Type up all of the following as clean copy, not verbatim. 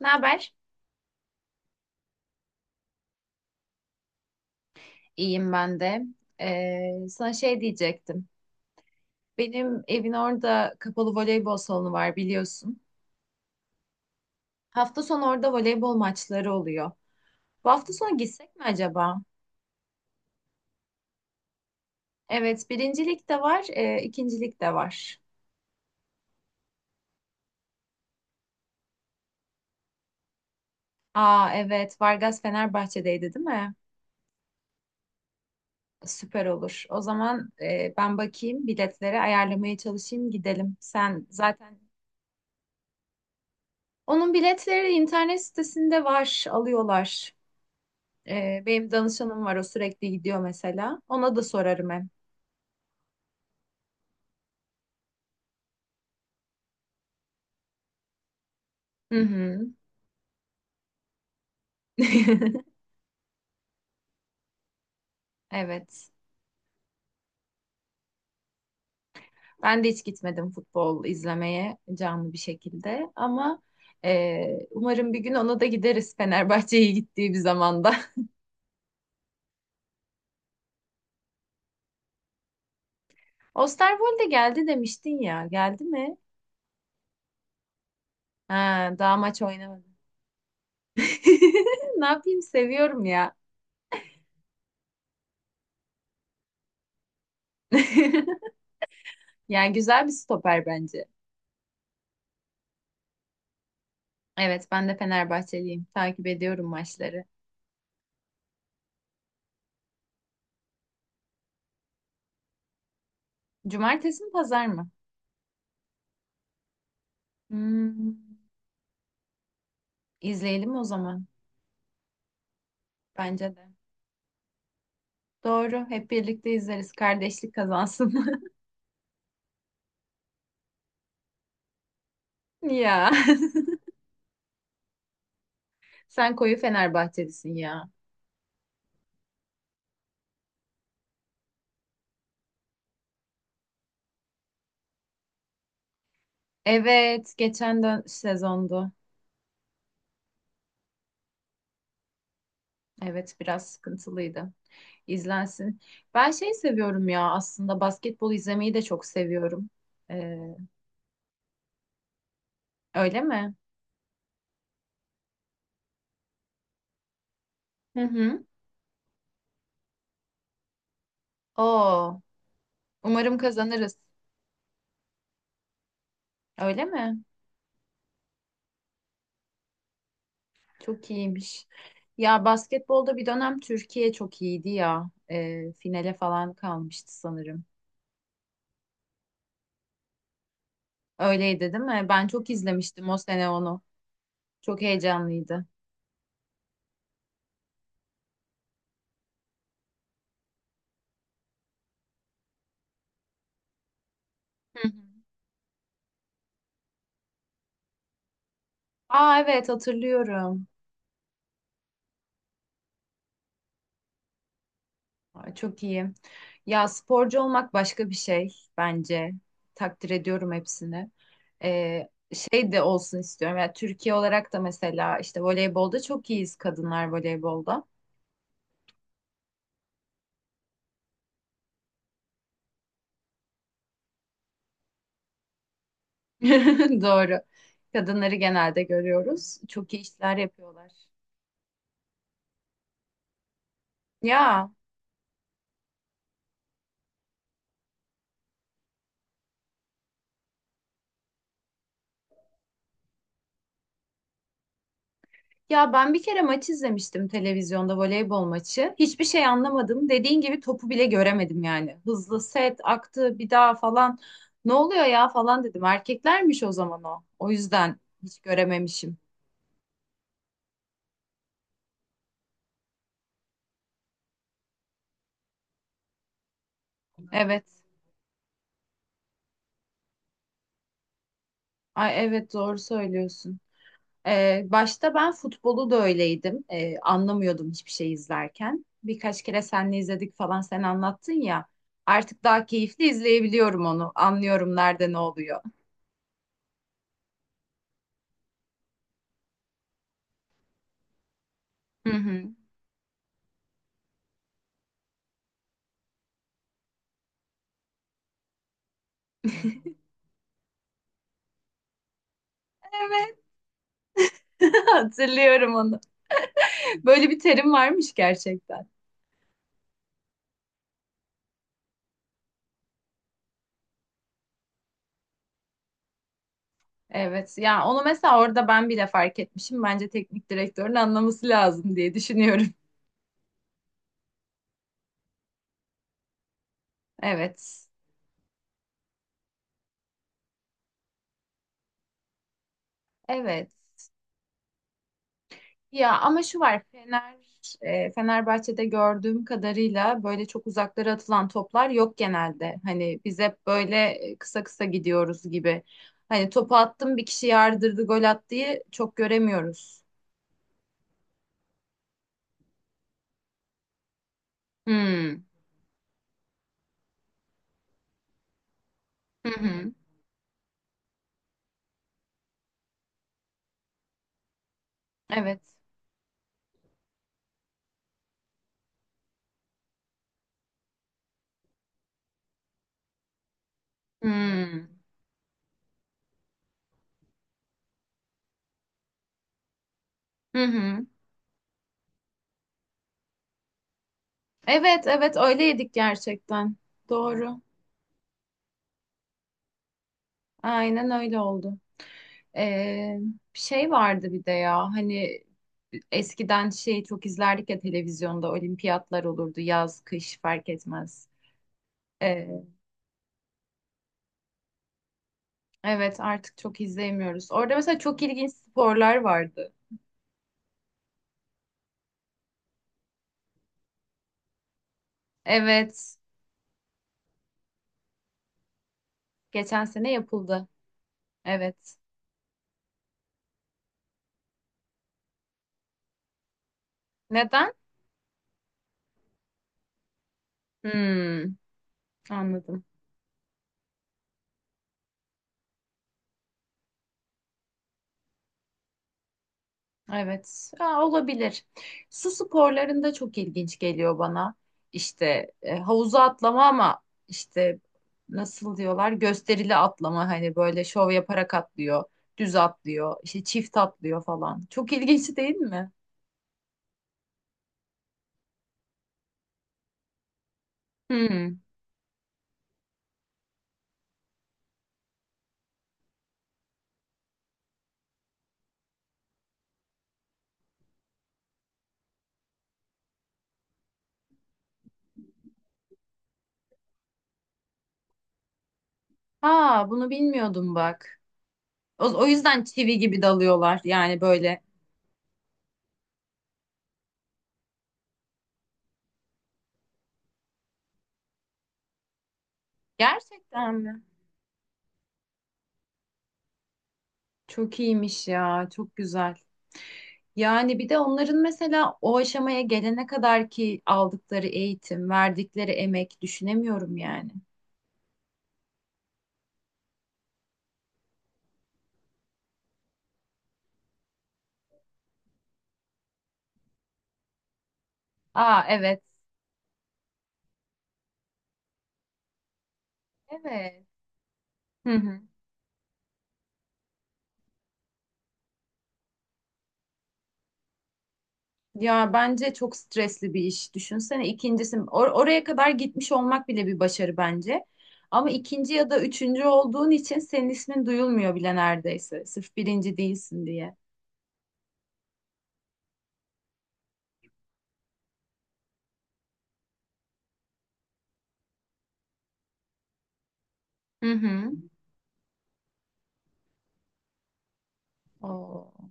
Ne haber? İyiyim ben de. Sana şey diyecektim. Benim evin orada kapalı voleybol salonu var biliyorsun. Hafta sonu orada voleybol maçları oluyor. Bu hafta sonu gitsek mi acaba? Evet, birincilik de var, ikincilik de var. Aa evet, Vargas Fenerbahçe'deydi değil mi? Süper olur. O zaman ben bakayım biletleri ayarlamaya çalışayım gidelim. Sen zaten onun biletleri internet sitesinde var, alıyorlar. Benim danışanım var o sürekli gidiyor mesela. Ona da sorarım hem. Hı hı. Evet. Ben de hiç gitmedim futbol izlemeye canlı bir şekilde ama e, umarım bir gün ona da gideriz Fenerbahçe'ye gittiği bir zamanda. Osterwolde geldi demiştin ya. Geldi mi? Ha, daha maç oynamadı. Ne yapayım seviyorum ya. Yani güzel bir stoper bence. Evet ben de Fenerbahçeliyim. Takip ediyorum maçları. Cumartesi mi pazar mı? Hmm, izleyelim o zaman. Bence de. Doğru. Hep birlikte izleriz. Kardeşlik kazansın. Ya. Sen koyu Fenerbahçelisin ya. Evet. Geçen dön sezondu. Evet. Biraz sıkıntılıydı. İzlensin. Ben şey seviyorum ya aslında basketbol izlemeyi de çok seviyorum. Ee, Öyle mi? Hı hı. Oo. Umarım kazanırız. Öyle mi? Çok iyiymiş. Ya basketbolda bir dönem Türkiye çok iyiydi ya. Finale falan kalmıştı sanırım. Öyleydi değil mi? Ben çok izlemiştim o sene onu. Çok heyecanlıydı. Hı hı. Aa evet hatırlıyorum. Aa, çok iyi. Ya sporcu olmak başka bir şey bence. Takdir ediyorum hepsini. Ee, Şey de olsun istiyorum. Yani Türkiye olarak da mesela işte voleybolda çok iyiyiz kadınlar voleybolda. Doğru. Kadınları genelde görüyoruz. Çok iyi işler yapıyorlar. Ya ya ben bir kere maç izlemiştim televizyonda voleybol maçı. Hiçbir şey anlamadım. Dediğin gibi topu bile göremedim yani. Hızlı set aktı bir daha falan. Ne oluyor ya falan dedim. Erkeklermiş o zaman o. O yüzden hiç görememişim. Evet. Ay evet doğru söylüyorsun. Başta ben futbolu da öyleydim. Anlamıyordum hiçbir şey izlerken. Birkaç kere seninle izledik falan sen anlattın ya. Artık daha keyifli izleyebiliyorum onu. Anlıyorum nerede ne oluyor. Hı hı. Evet, hatırlıyorum onu. Böyle bir terim varmış gerçekten. Evet, yani onu mesela orada ben bile fark etmişim. Bence teknik direktörün anlaması lazım diye düşünüyorum. Evet, evet. Ya ama şu var Fenerbahçe'de gördüğüm kadarıyla böyle çok uzaklara atılan toplar yok genelde. Hani biz hep böyle kısa kısa gidiyoruz gibi. Hani topu attım bir kişi yardırdı gol attı diye çok göremiyoruz. Hmm. Hı hı. Evet. Hmm. Hı hı. Evet evet öyle yedik gerçekten. Doğru. Aynen öyle oldu. Ee, Şey vardı bir de ya hani eskiden şey çok izlerdik ya televizyonda olimpiyatlar olurdu yaz kış fark etmez. Ee, evet artık çok izleyemiyoruz. Orada mesela çok ilginç sporlar vardı. Evet geçen sene yapıldı. Evet. Neden? Hmm, anladım. Evet, Aa, olabilir. Su sporlarında çok ilginç geliyor bana. İşte havuza atlama ama işte nasıl diyorlar gösterili atlama hani böyle şov yaparak atlıyor, düz atlıyor, işte çift atlıyor falan. Çok ilginç değil mi? Hmm. Aa, bunu bilmiyordum bak. O yüzden çivi gibi dalıyorlar yani böyle. Gerçekten mi? Çok iyiymiş ya, çok güzel. Yani bir de onların mesela o aşamaya gelene kadar ki aldıkları eğitim, verdikleri emek düşünemiyorum yani. Aa evet. Evet. Hı hı. Ya bence çok stresli bir iş. Düşünsene ikincisi oraya kadar gitmiş olmak bile bir başarı bence. Ama ikinci ya da üçüncü olduğun için senin ismin duyulmuyor bile neredeyse. Sırf birinci değilsin diye. Hı hı. Oo.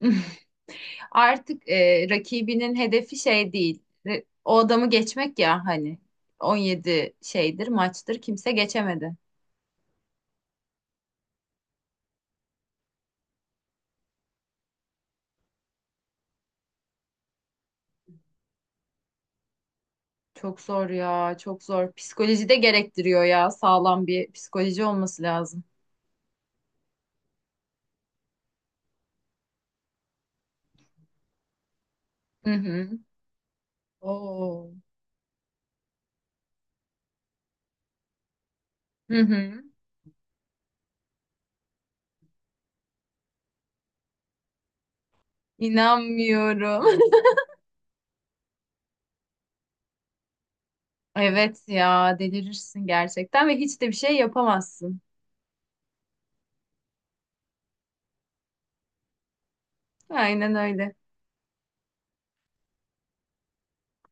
Artık rakibinin hedefi şey değil. O adamı geçmek ya hani 17 şeydir maçtır kimse geçemedi. Çok zor ya, çok zor. Psikoloji de gerektiriyor ya. Sağlam bir psikoloji olması lazım. Hı hı. Oo. Hı hı. İnanmıyorum. Evet ya, delirirsin gerçekten ve hiç de bir şey yapamazsın. Aynen öyle.